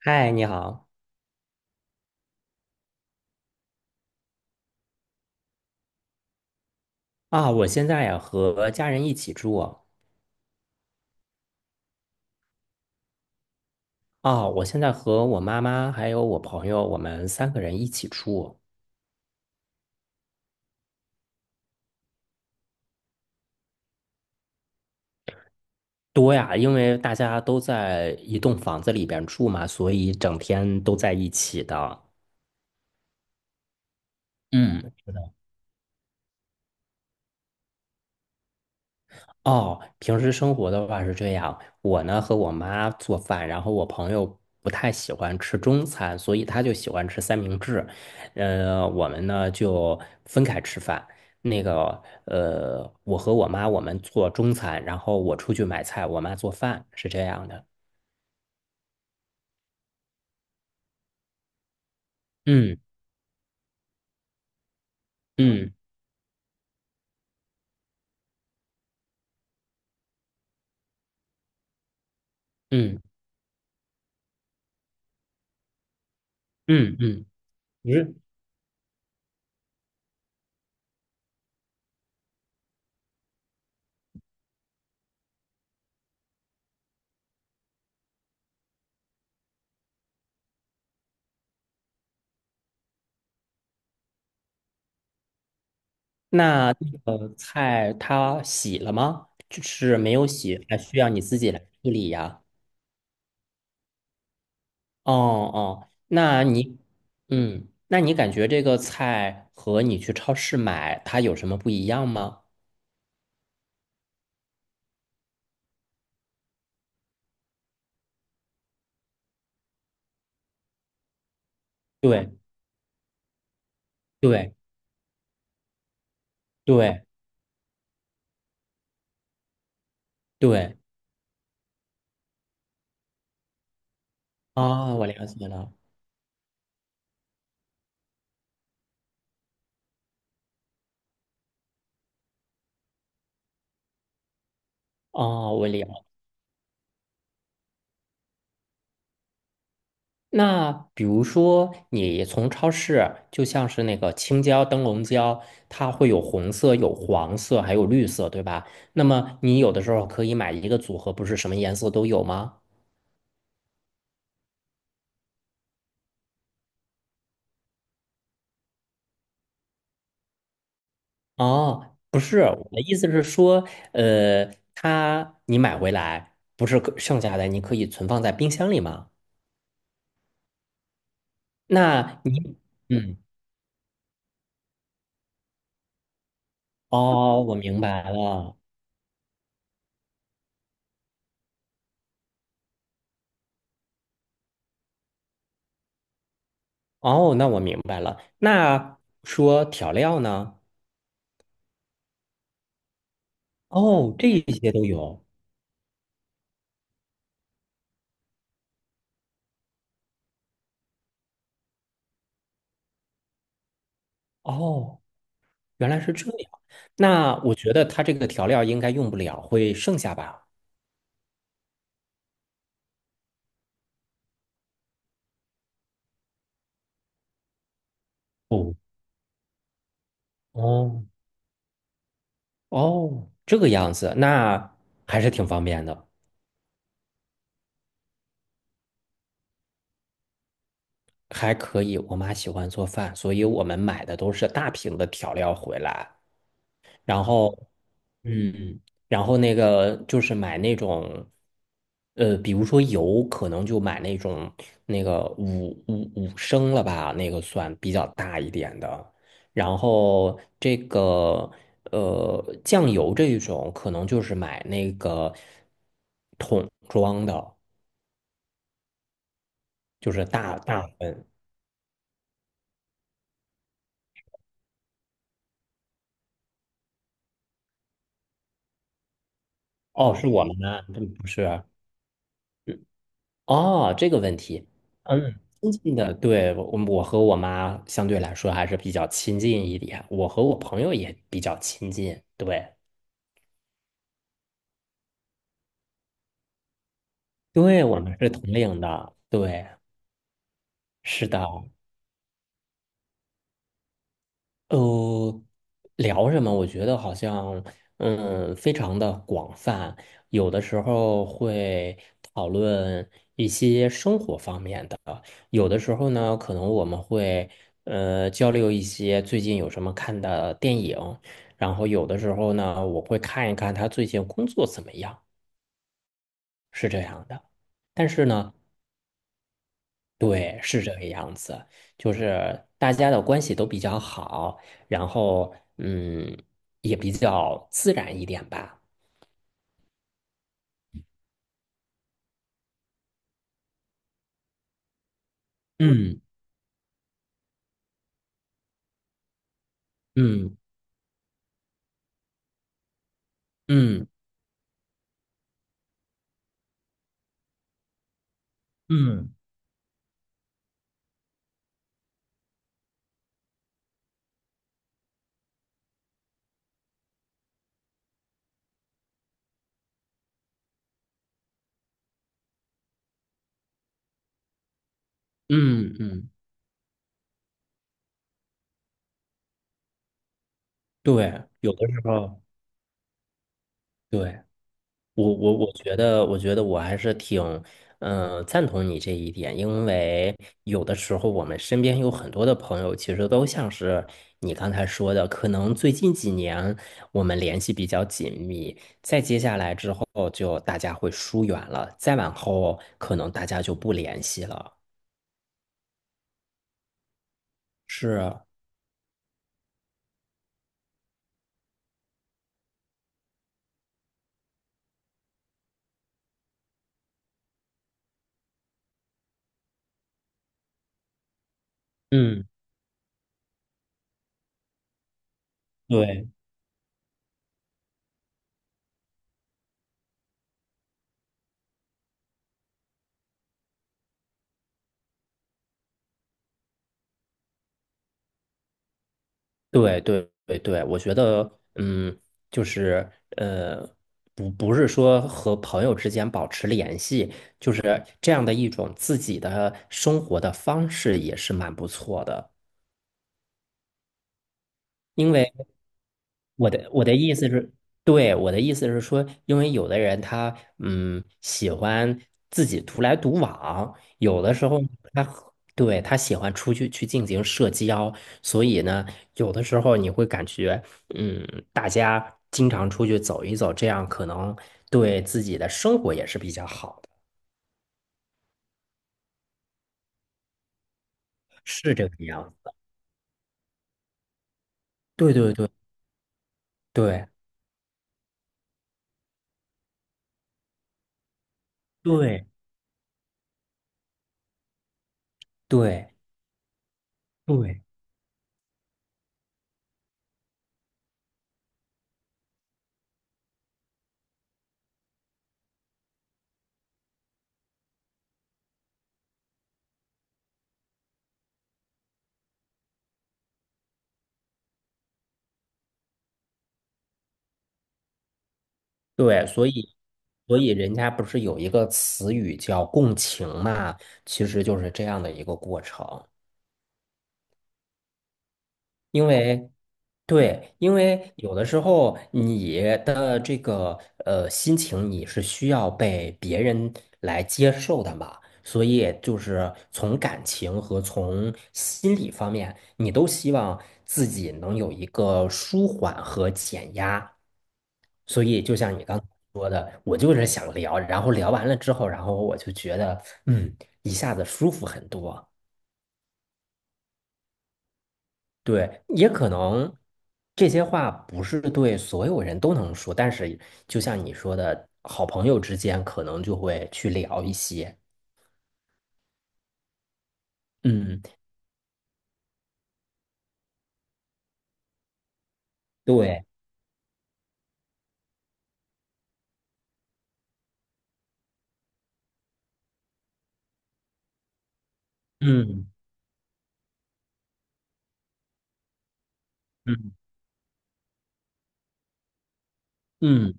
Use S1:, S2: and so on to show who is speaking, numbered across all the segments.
S1: 嗨，你好啊！我现在呀和家人一起住哦。啊，我现在和我妈妈还有我朋友，我们三个人一起住。多呀，因为大家都在一栋房子里边住嘛，所以整天都在一起的。嗯，哦，平时生活的话是这样，我呢和我妈做饭，然后我朋友不太喜欢吃中餐，所以他就喜欢吃三明治，我们呢就分开吃饭。那个，我和我妈我们做中餐，然后我出去买菜，我妈做饭，是这样的。嗯嗯嗯嗯嗯，嗯。那个菜它洗了吗？就是没有洗，还需要你自己来处理呀。哦哦，那你感觉这个菜和你去超市买它有什么不一样吗？对对对对，啊，我了解了。哦，我了。那比如说，你从超市，就像是那个青椒、灯笼椒，它会有红色、有黄色，还有绿色，对吧？那么你有的时候可以买一个组合，不是什么颜色都有吗？哦，不是，我的意思是说，它你买回来不是可剩下的，你可以存放在冰箱里吗？那你，嗯，哦，我明白了。哦，那我明白了。那说调料呢？哦，这一些都有。哦，原来是这样。那我觉得它这个调料应该用不了，会剩下吧？哦，哦，哦，这个样子，那还是挺方便的。还可以，我妈喜欢做饭，所以我们买的都是大瓶的调料回来。然后，嗯，然后那个就是买那种，比如说油，可能就买那种那个五升了吧，那个算比较大一点的。然后这个酱油这一种，可能就是买那个桶装的，就是大大份。哦，是我们吗？嗯不是。嗯哦，这个问题。亲近的，对，我和我妈相对来说还是比较亲近一点，我和我朋友也比较亲近，对，对，我们是同龄的，对，是的。呃，聊什么？我觉得好像，非常的广泛，有的时候会讨论一些生活方面的，有的时候呢，可能我们会，交流一些最近有什么看的电影，然后有的时候呢，我会看一看他最近工作怎么样，是这样的。但是呢，对，是这个样子，就是大家的关系都比较好，然后也比较自然一点吧。嗯嗯嗯嗯嗯嗯，对，有的时候对。我觉得我还是挺，赞同你这一点，因为有的时候我们身边有很多的朋友，其实都像是你刚才说的，可能最近几年我们联系比较紧密，再接下来之后就大家会疏远了，再往后可能大家就不联系了。是，嗯，对。对对对对，我觉得，嗯，就是呃，不是说和朋友之间保持联系，就是这样的一种自己的生活的方式也是蛮不错的。因为。我的意思是，对，我的意思是说，因为有的人他喜欢自己独来独往，有的时候他和对他喜欢出去去进行社交，所以呢，有的时候你会感觉嗯，大家经常出去走一走，这样可能对自己的生活也是比较好的，是这个样子。对对对对对对对。对，所以人家不是有一个词语叫共情嘛，其实就是这样的一个过程。因为，对，因为有的时候你的这个心情你是需要被别人来接受的嘛，所以就是从感情和从心理方面，你都希望自己能有一个舒缓和减压。所以就像你刚才说的，我就是想聊，然后聊完了之后，然后我就觉得嗯，一下子舒服很多。对，也可能这些话不是对所有人都能说，但是就像你说的，好朋友之间可能就会去聊一些。嗯，对，嗯嗯嗯，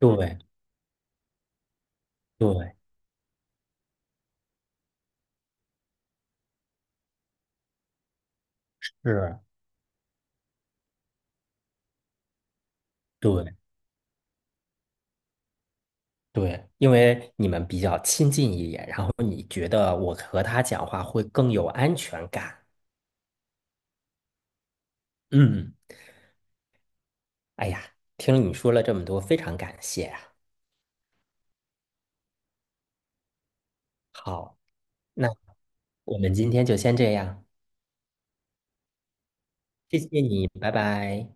S1: 对对是，对对，因为你们比较亲近一点，然后你觉得我和他讲话会更有安全感。嗯，哎呀，听你说了这么多，非常感谢啊。好，那我们今天就先这样，谢谢你，拜拜。